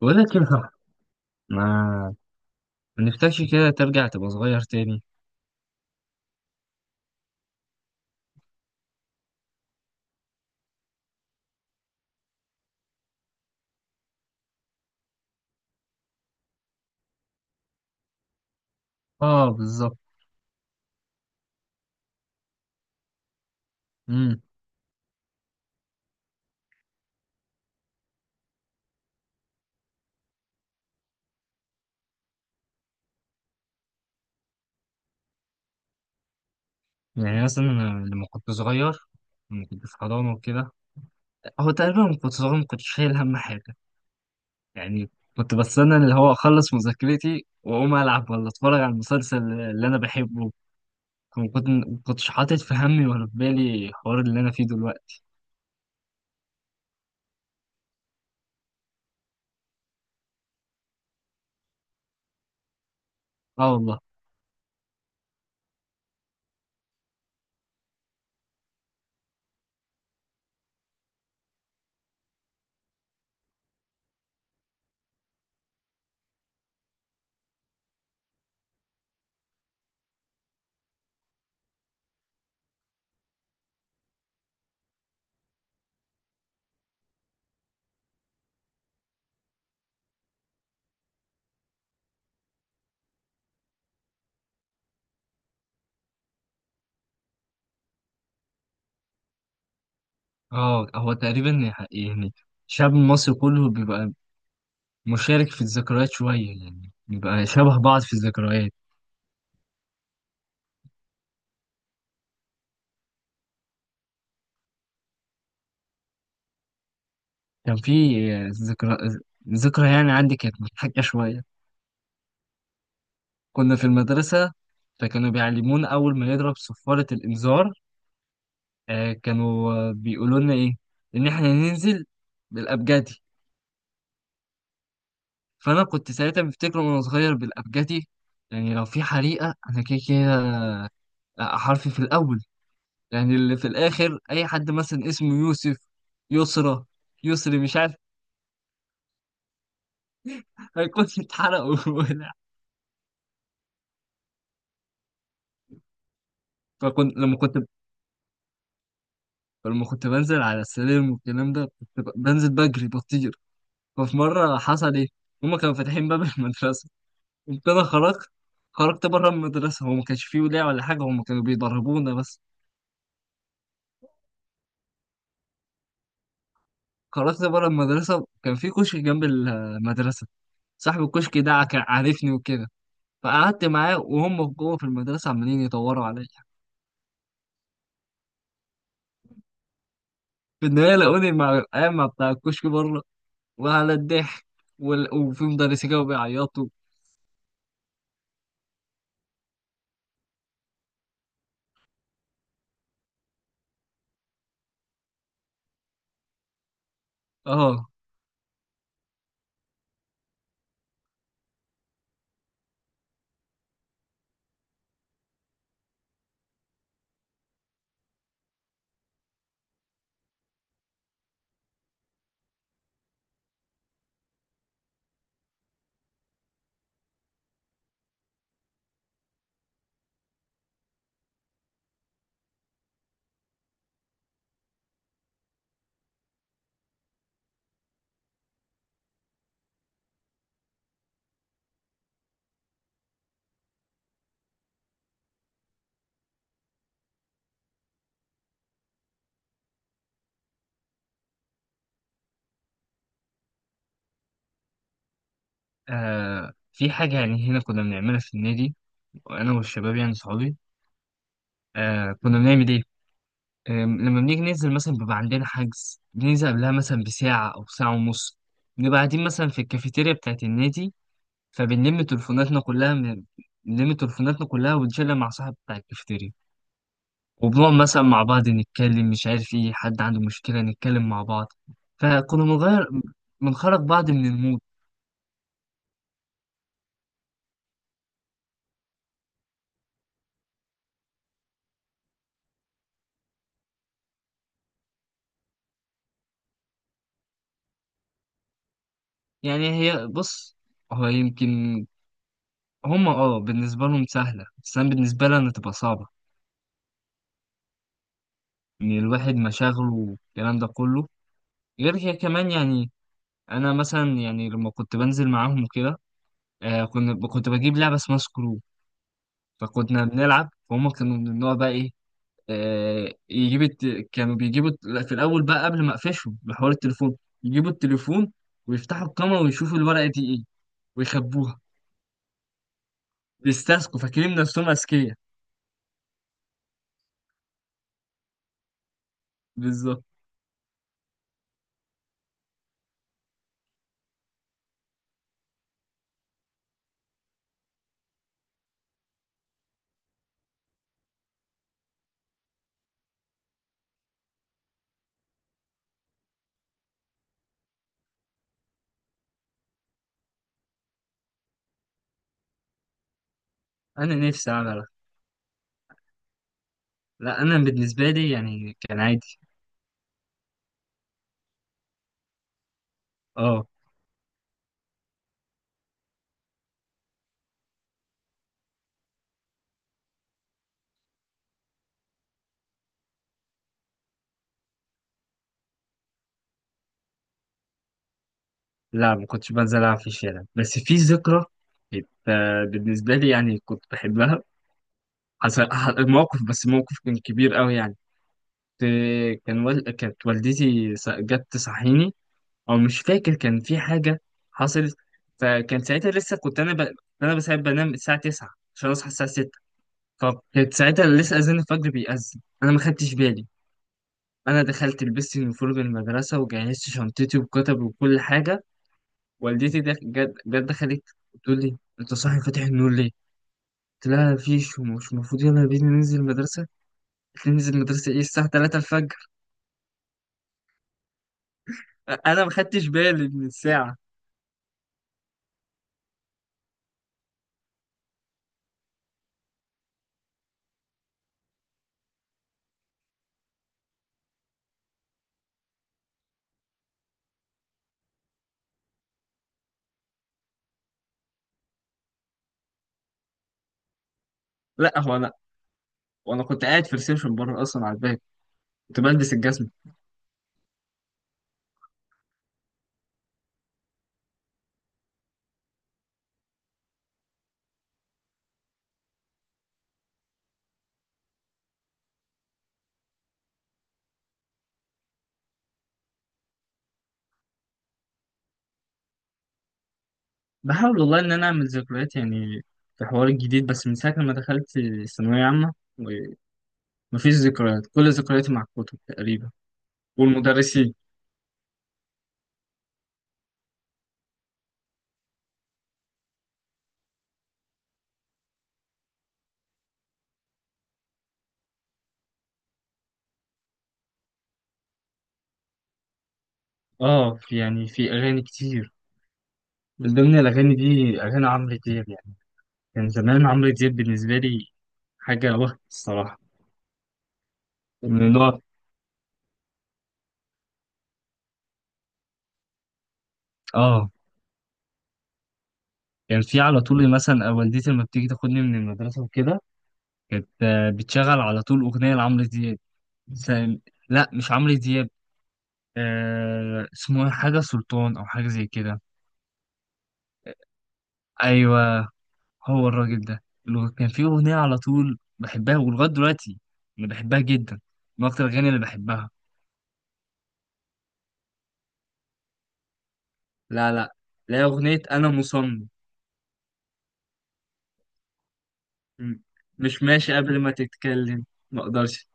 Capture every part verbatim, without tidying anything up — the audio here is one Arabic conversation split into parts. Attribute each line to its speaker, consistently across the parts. Speaker 1: بقول لك ايه، صح. ما ما نفسكش كده ترجع تبقى صغير تاني. اه، بالظبط. امم يعني مثلا أنا لما كنت صغير، لما كنت في حضانة وكده. هو تقريبا لما كنت صغير ما كنتش شايل هم حاجة. يعني كنت بستنى اللي هو أخلص مذاكرتي وأقوم ألعب ولا أتفرج على المسلسل اللي أنا بحبه. كنت كنت- ما كنتش حاطط في همي ولا في بالي الحوار اللي أنا فيه دلوقتي. اه والله. اه، هو تقريبا يعني شعب مصر كله بيبقى مشارك في الذكريات شوية، يعني نبقى شبه بعض في الذكريات. كان في آه، ذكرى، ذكرى يعني عندي كانت مضحكة شوية. كنا في المدرسة، فكانوا بيعلمونا أول ما نضرب صفارة الإنذار آه، كانوا آه، بيقولوا لنا إيه؟ إن إحنا ننزل بالأبجدي. فأنا كنت ساعتها بفتكر وأنا صغير بالأبجدي يعني لو في حريقة أنا كده كده حرفي في الأول، يعني اللي في الآخر أي حد مثلا اسمه يوسف، يسرى، يسري مش عارف هيكون اتحرقوا. فكنت لما كنت لما كنت بنزل على السلم والكلام ده كنت ب- بنزل بجري بطير. ففي مرة حصل إيه؟ هما كانوا فاتحين باب المدرسة، قمت أنا خرجت، خرجت بره المدرسة. هو ما كانش فيه ولاية ولا حاجة، هما كانوا بيضربونا بس. خرجت بره المدرسة كان في كشك جنب المدرسة، صاحب الكشك ده كان عارفني وكده، فقعدت معاه وهم جوه في المدرسة عمالين يدوروا عليا. في النهاية لقوني مع القايمة بتاع الكشك بره، وعلى الضحك، وال- وفي مدرسين كانوا بيعيطوا. اه، آه في حاجة يعني هنا كنا بنعملها في النادي أنا والشباب يعني صحابي. آه كنا بنعمل إيه؟ آه لما بنيجي ننزل مثلا بيبقى عندنا حجز بننزل قبلها مثلا بساعة أو ساعة ونص، بنبقى قاعدين مثلا في الكافيتيريا بتاعت النادي، فبنلم تليفوناتنا كلها من- بنلم تليفوناتنا كلها ونشيلها مع صاحب بتاع الكافيتيريا، وبنقعد مثلا مع بعض نتكلم مش عارف إيه، حد عنده مشكلة نتكلم مع بعض، فكنا بنغير، بنخرج بعض من المود. يعني هي بص، هو يمكن هم اه بالنسبة لهم سهلة، بس أنا بالنسبة لي أنا تبقى صعبة. إن الواحد مشاغله والكلام ده كله، غير كده كمان يعني. أنا مثلا يعني لما كنت بنزل معاهم وكده آه كنا كنت بجيب لعبة اسمها سكرو، فكنا بنلعب، فهم كانوا من النوع بقى إيه، آه يجيب الت... كانوا بيجيبوا الت- لا، في الأول بقى قبل ما أقفشهم بحوار التليفون، يجيبوا التليفون ويفتحوا الكاميرا ويشوفوا الورقة دي إيه ويخبوها، بيستسقوا فاكرين نفسهم أذكياء. بالظبط. أنا نفسي أعمل، لا انا بالنسبه لي يعني كان عادي. اه. لا ما كنتش بنزل العب في الشارع، بس في ذكرى كانت آه، بالنسبه لي يعني كنت بحبها. حصل ح- موقف، بس موقف كان كبير قوي يعني. كنت- كان وال... كانت والدتي ص- جت تصحيني، او مش فاكر كان في حاجه حصلت. فكان ساعتها لسه كنت انا ب... انا بس بنام الساعه تسعة عشان اصحى الساعه ستة، فكانت ساعتها لسه اذان الفجر بيأذن انا ما خدتش بالي. انا دخلت لبست يونيفورم المدرسه وجهزت شنطتي وكتب وكل حاجه، والدتي ده جت جت دخلت بتقول لي انت صاحي فاتح النور ليه؟ قلت لها مفيش ومش المفروض يلا بينا ننزل المدرسة. قلت لي ننزل المدرسة ايه الساعة ثلاثة الفجر. انا ما خدتش بالي من الساعة. لا هو انا، وانا كنت قاعد في الريسبشن بره اصلا على الباب، كنت بلبس الجزمة. بحاول والله ان انا اعمل ذكريات يعني في حوار الجديد، بس من ساعة لما دخلت ثانوية عامة مفيش ذكريات، كل ذكرياتي مع الكتب تقريبا والمدرسين. اه، في يعني في اغاني كتير، من ضمن الاغاني دي اغاني عمرو دياب. كان زمان عمرو دياب بالنسبة لي حاجة وهم الصراحة. من اللي هو اه كان في على طول مثلا آه، والدتي لما بتيجي تاخدني من المدرسة وكده، كانت آه، بتشغل على طول أغنية لعمرو دياب، مثلا. لا مش عمرو دياب، آه اسمه إيه؟ حاجة سلطان أو حاجة زي كده. أيوه، هو الراجل ده اللي كان في أغنية على طول بحبها ولغاية دلوقتي، أنا بحبها جدا، من أكتر الأغاني اللي بحبها. لا لا، لا أغنية أنا مصمم. م- مش ماشي قبل ما تتكلم، ما أقدرش.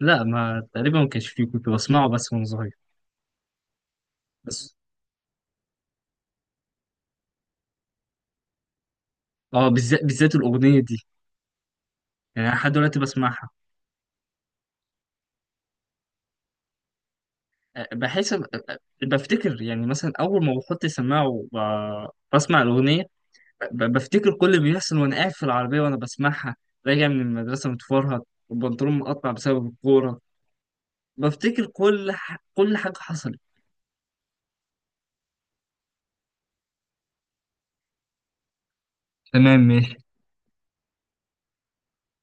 Speaker 1: لا ما تقريبا ما كانش فيه، كنت بسمعه بس وانا صغير. بس اه بالذات، بالذات الاغنيه دي، يعني أنا لحد دلوقتي بسمعها. أه، بحس أه، أه، بفتكر يعني مثلا اول ما بحط سماعه وب- بسمع الاغنيه، ب- بفتكر كل اللي بيحصل وانا قاعد في العربيه وانا بسمعها راجع من المدرسه متفرهد والبنطلون مقطع بسبب الكوره. بفتكر كل ح... كل حاجه حصلت. تمام،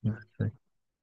Speaker 1: ماشي.